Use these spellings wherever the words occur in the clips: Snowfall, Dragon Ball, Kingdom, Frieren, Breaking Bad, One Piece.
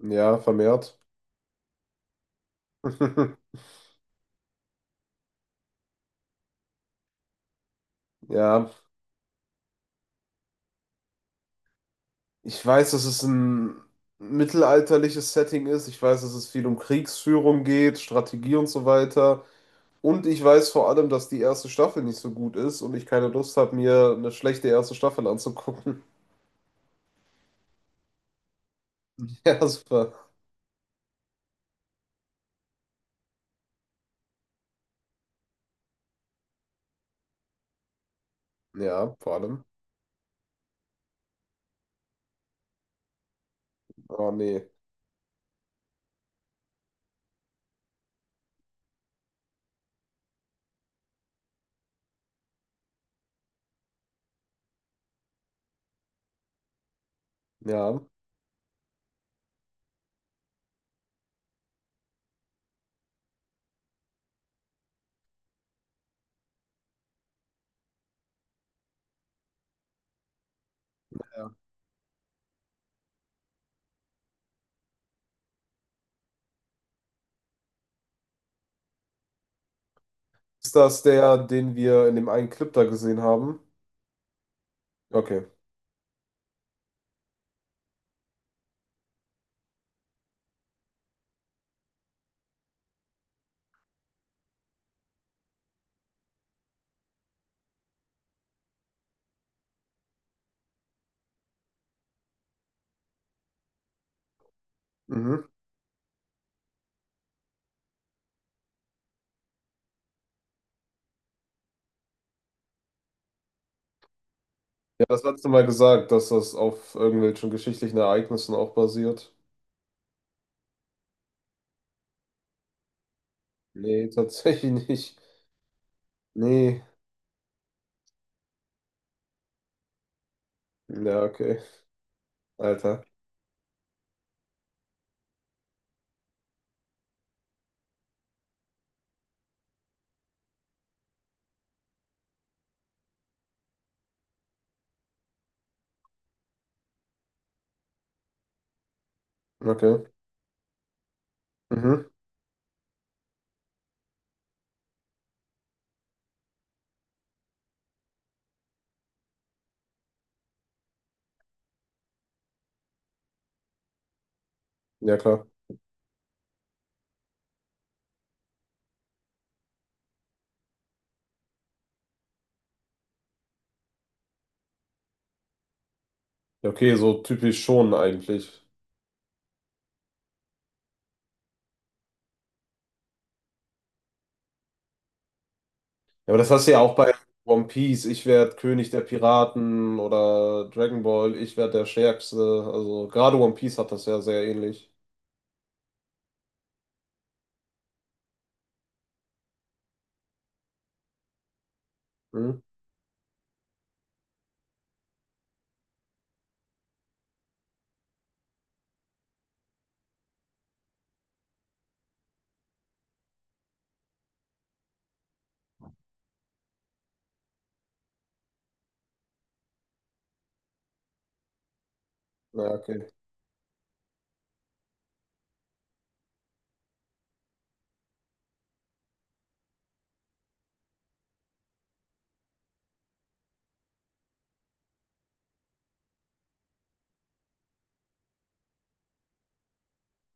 Ja, vermehrt. Ja, ich weiß, dass es ein mittelalterliches Setting ist. Ich weiß, dass es viel um Kriegsführung geht, Strategie und so weiter. Und ich weiß vor allem, dass die erste Staffel nicht so gut ist und ich keine Lust habe, mir eine schlechte erste Staffel anzugucken. Ja, super. Ja, vor allem. Oh, nee. Ja. Ist das der, den wir in dem einen Clip da gesehen haben? Okay. Mhm. Ja, das hast du mal gesagt, dass das auf irgendwelchen geschichtlichen Ereignissen auch basiert. Nee, tatsächlich nicht. Nee. Ja, okay. Alter. Okay. Mhm. Ja, klar. Ja, okay, so typisch schon eigentlich. Ja, aber das hast du ja auch bei One Piece. Ich werde König der Piraten oder Dragon Ball. Ich werde der Stärkste. Also gerade One Piece hat das ja sehr ähnlich. Hm? Ja, okay.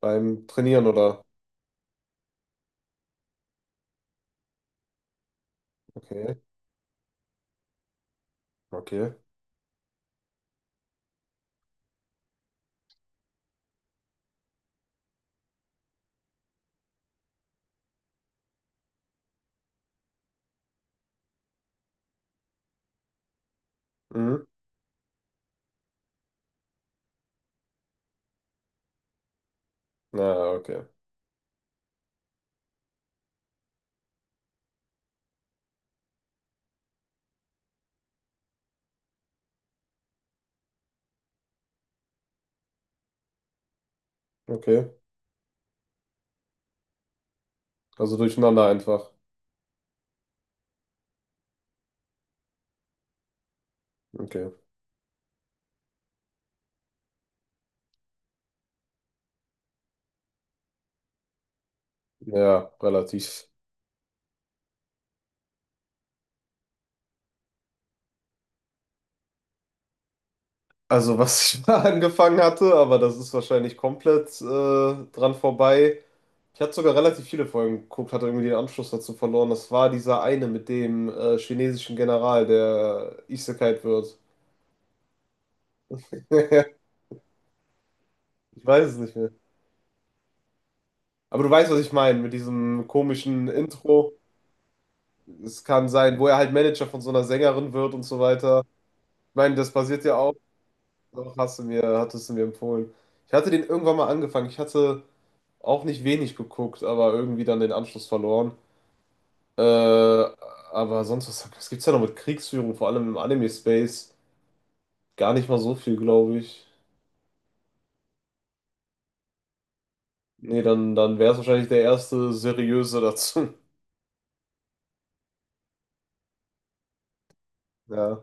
Beim Trainieren oder? Okay. Okay. Mhm. Na, okay. Okay. Also durcheinander einfach. Okay. Ja, relativ. Also was ich mal angefangen hatte, aber das ist wahrscheinlich komplett dran vorbei. Ich hatte sogar relativ viele Folgen geguckt, hatte irgendwie den Anschluss dazu verloren. Das war dieser eine mit dem chinesischen General, der Isekai'd wird. Ich weiß es nicht mehr. Aber du weißt, was ich meine mit diesem komischen Intro. Es kann sein, wo er halt Manager von so einer Sängerin wird und so weiter. Ich meine, das passiert ja auch. Doch, hast du mir, hattest du mir empfohlen. Ich hatte den irgendwann mal angefangen. Ich hatte auch nicht wenig geguckt, aber irgendwie dann den Anschluss verloren. Aber sonst, was, was gibt's da noch mit Kriegsführung, vor allem im Anime-Space? Gar nicht mal so viel, glaube ich. Nee, dann, dann wäre es wahrscheinlich der erste seriöse dazu. Ja,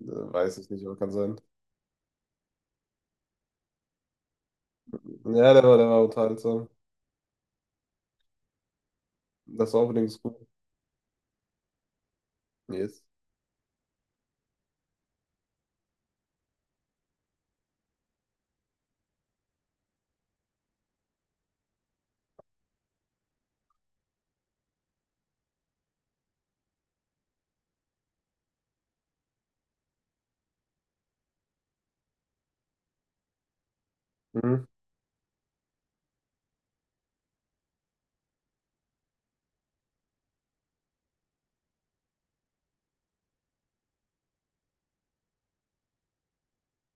weiß ich nicht, aber kann sein. Ja, der war unterhaltsam. Das war unbedingt gut. Yes. Mhm,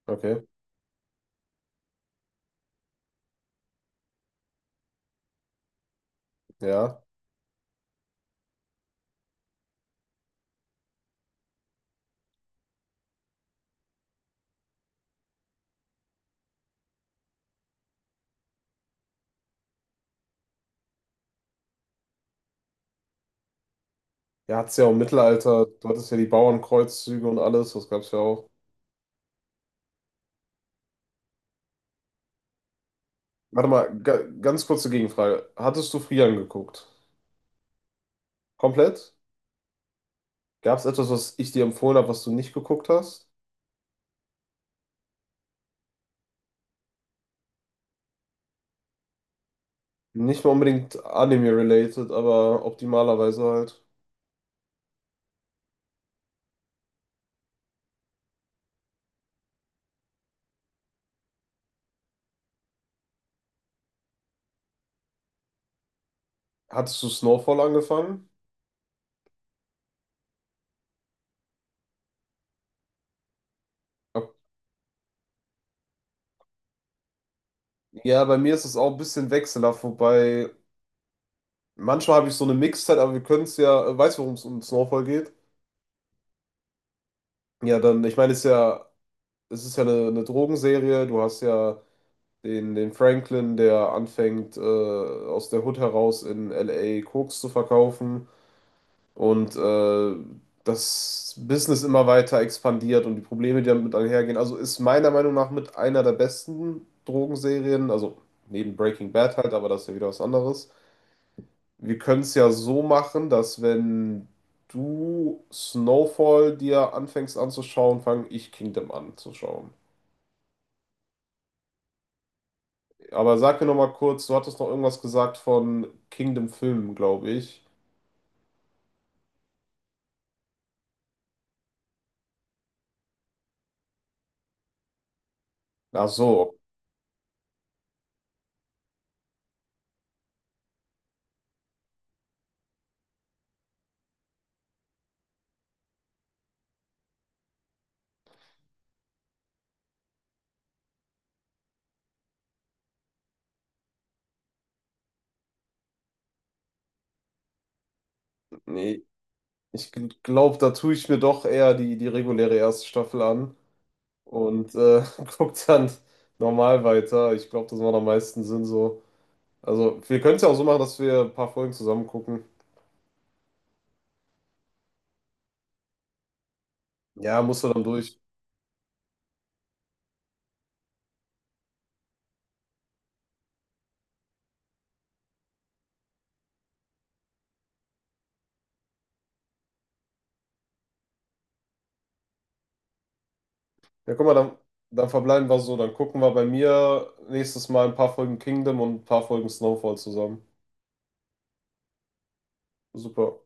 okay, ja. Ja, hat's ja auch im Mittelalter, du hattest ja die Bauernkreuzzüge und alles, das gab's ja auch. Warte mal, ga, ganz kurze Gegenfrage. Hattest du Frieren geguckt? Komplett? Gab es etwas, was ich dir empfohlen habe, was du nicht geguckt hast? Nicht mal unbedingt Anime-related, aber optimalerweise halt. Hattest du Snowfall angefangen? Ok. Ja, bei mir ist es auch ein bisschen wechselhaft, wobei manchmal habe ich so eine Mixzeit, aber wir können es ja, weißt du, worum es um Snowfall geht? Ja, dann, ich meine, es ist ja eine Drogenserie. Du hast ja den, den Franklin, der anfängt, aus der Hood heraus in LA Koks zu verkaufen. Und das Business immer weiter expandiert und die Probleme, die damit einhergehen. Also ist meiner Meinung nach mit einer der besten Drogenserien, also neben Breaking Bad halt, aber das ist ja wieder was anderes. Wir können es ja so machen, dass wenn du Snowfall dir anfängst anzuschauen, fange ich Kingdom anzuschauen. Aber sag mir noch mal kurz, du hattest noch irgendwas gesagt von Kingdom Filmen, glaube ich. Ach so, nee, ich glaube, da tue ich mir doch eher die, die reguläre erste Staffel an und guck dann normal weiter. Ich glaube, das macht am meisten Sinn so. Also, wir können es ja auch so machen, dass wir ein paar Folgen zusammen gucken. Ja, musst du dann durch. Ja, guck mal, dann, dann verbleiben wir so. Dann gucken wir bei mir nächstes Mal ein paar Folgen Kingdom und ein paar Folgen Snowfall zusammen. Super.